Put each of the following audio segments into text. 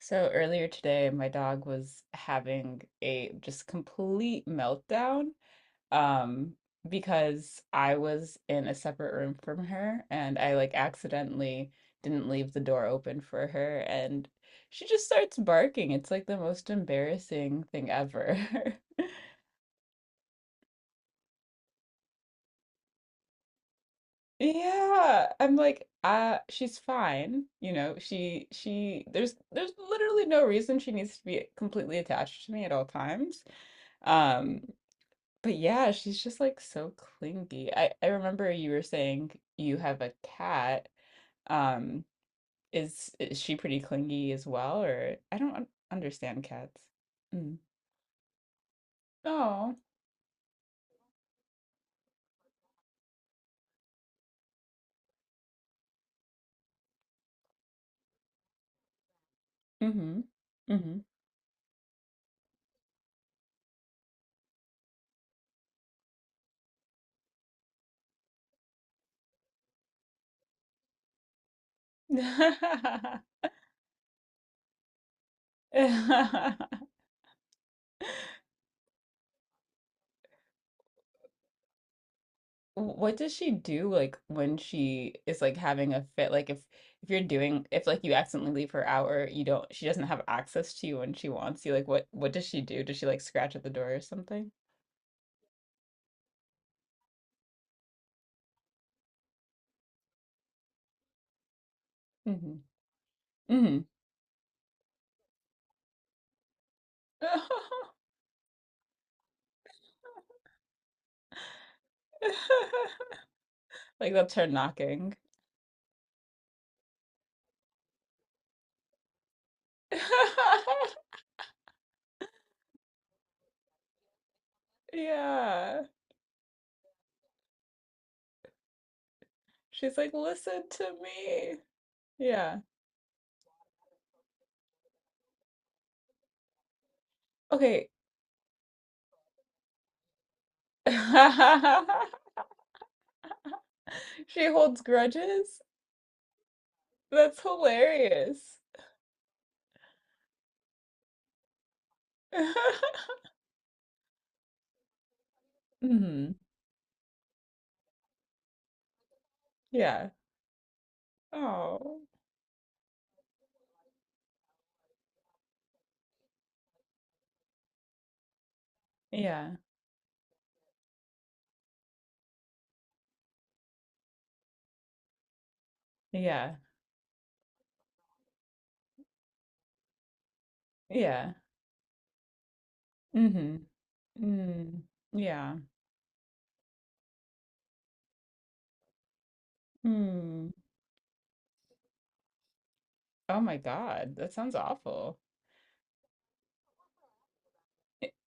So earlier today, my dog was having a just complete meltdown, um, because I was in a separate room from her and I like accidentally didn't leave the door open for her and she just starts barking. It's like the most embarrassing thing ever. Yeah, I'm like, she's fine. You know, she there's literally no reason she needs to be completely attached to me at all times. Um, But yeah, she's just like so clingy. I remember you were saying you have a cat. Um, is she pretty clingy as well, or I don't understand cats. Mm. Oh. Mm-hmm. Mm-hmm. What does she do, like when she is like having a fit? Like if you're doing if like you accidentally leave her out or you don't, she doesn't have access to you when she wants you, like what does she do? Does she like scratch at the door or something? Mm-hmm. Like that's her knocking. Yeah. She's like, listen to me. Yeah. Okay. She holds grudges? That's hilarious. Hmm. Yeah. Oh. Yeah. Yeah. Yeah. Hmm. Mm. Yeah. Mm. Oh my God. That sounds awful.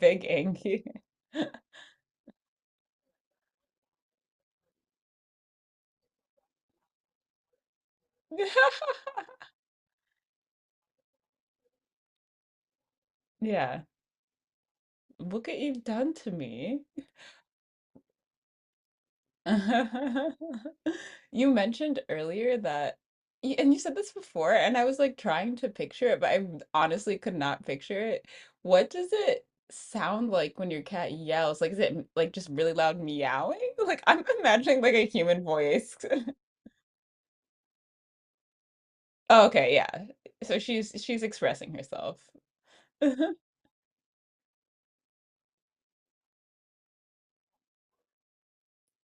Big Angie. Yeah. Look what you've done to me. You mentioned earlier that, and you said this before, and I was like trying to picture it, but I honestly could not picture it. What does it sound like when your cat yells? Like, is it like just really loud meowing? Like, I'm imagining like a human voice. Oh, okay, yeah. So she's expressing herself.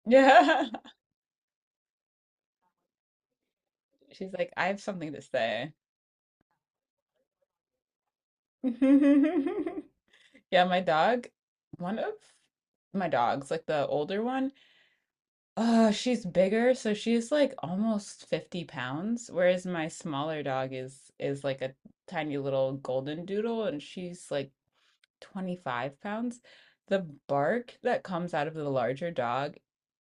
Yeah. She's like, I have something to say. Yeah, my dog, one of my dogs, like the older one, she's bigger, so she's like almost 50 pounds, whereas my smaller dog is like a tiny little golden doodle and she's like 25 pounds. The bark that comes out of the larger dog,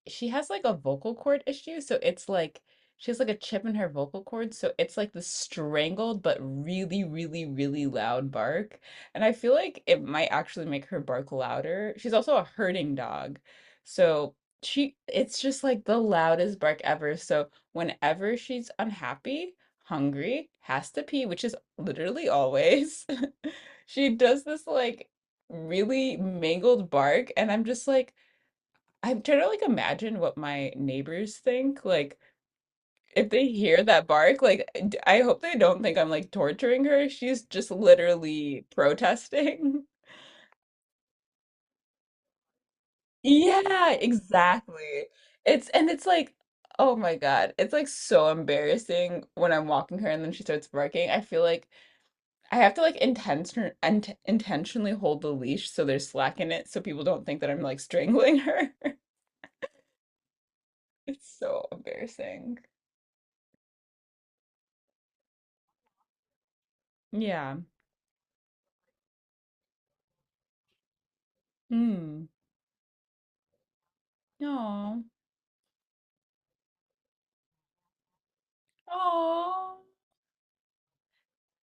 she has like a vocal cord issue. So it's like she has like a chip in her vocal cord. So it's like the strangled but really, really, really loud bark. And I feel like it might actually make her bark louder. She's also a herding dog. So she, it's just like the loudest bark ever. So whenever she's unhappy, hungry, has to pee, which is literally always, she does this like really mangled bark and I'm just like, I'm trying to like imagine what my neighbors think, like if they hear that bark, like I hope they don't think I'm like torturing her. She's just literally protesting. Yeah, exactly. It's, and it's like, oh my God, it's like so embarrassing when I'm walking her and then she starts barking. I feel like I have to like intentionally hold the leash so there's slack in it so people don't think that I'm like strangling her. It's so embarrassing. Yeah. Hmm. No. Oh.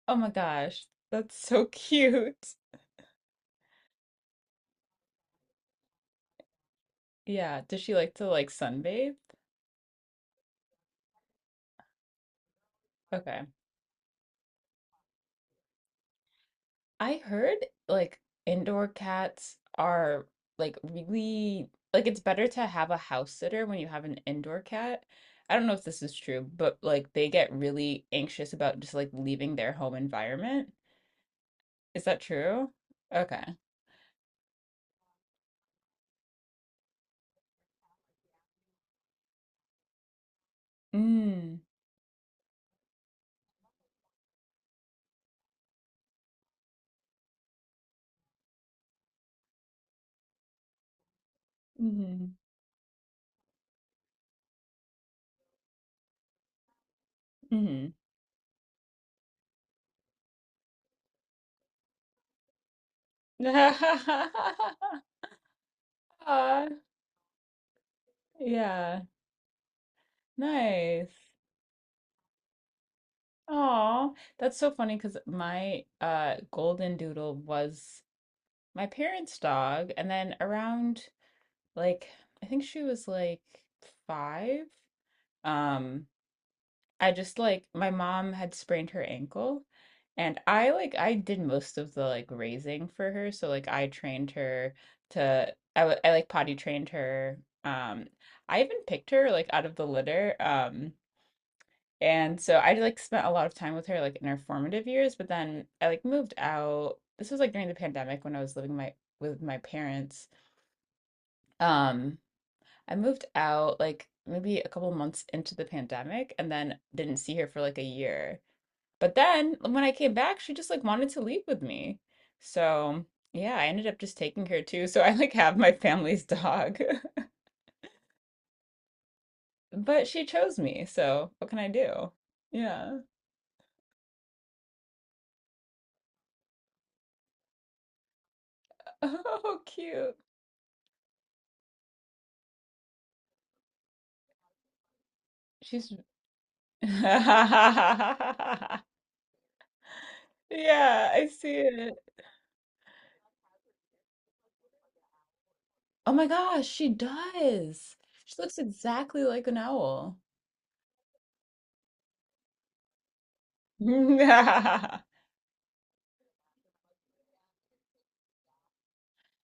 Oh my gosh. That's so cute. Yeah. Does she like to like sunbathe? Okay. I heard like indoor cats are like really like it's better to have a house sitter when you have an indoor cat. I don't know if this is true, but like they get really anxious about just like leaving their home environment. Is that true? Okay. Mm. Mm-hmm. Mm-hmm. Aw, yeah, nice. Aw, that's so funny because my golden doodle was my parents' dog, and then around, like, I think she was like five. Um, I just like, my mom had sprained her ankle and I did most of the like raising for her, so like I trained her to I like potty trained her. I even picked her like out of the litter. And so I like spent a lot of time with her like in her formative years, but then I like moved out. This was like during the pandemic when I was living my with my parents. um I moved out like maybe a couple months into the pandemic and then didn't see her for like a year, but then when I came back, she just like wanted to leave with me. So yeah, I ended up just taking her too. So I like have my family's dog, but she chose me. So what can I do? Yeah. Oh, cute. She's. Yeah, I see it. Oh my gosh, she does. She looks exactly like an owl. Is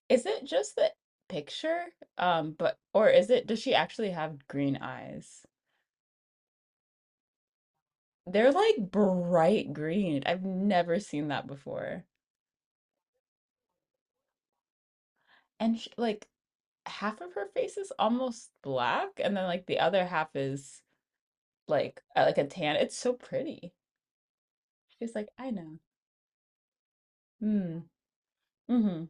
it just the picture? But or is it, does she actually have green eyes? They're like bright green. I've never seen that before. And sh like half of her face is almost black, and then like the other half is like a tan. It's so pretty. She's like, I know. Hmm. Mm-hmm.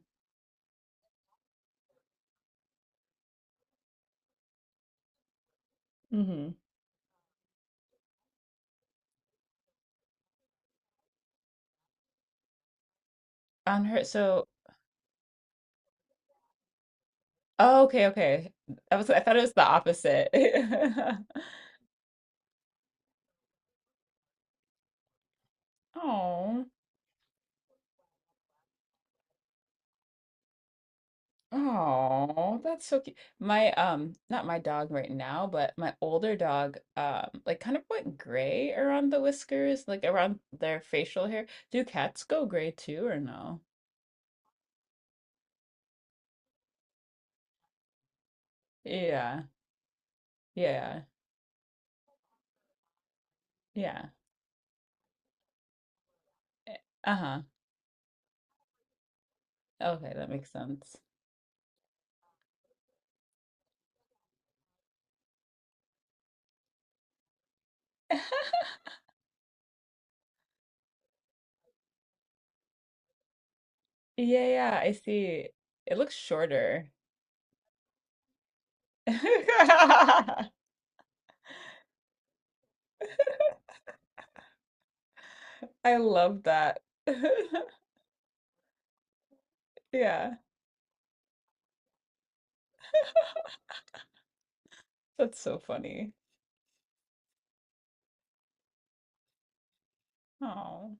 Mm-hmm. On her, so oh, okay, okay. I thought it was the opposite. Oh. Oh, that's so cute. My not my dog right now, but my older dog like kind of went gray around the whiskers, like around their facial hair. Do cats go gray too or no? Yeah. Yeah. Yeah. Eh, uh-huh. Okay, that makes sense. Yeah, yeah, I see. It looks shorter. I love that. Yeah, that's so funny. Oh.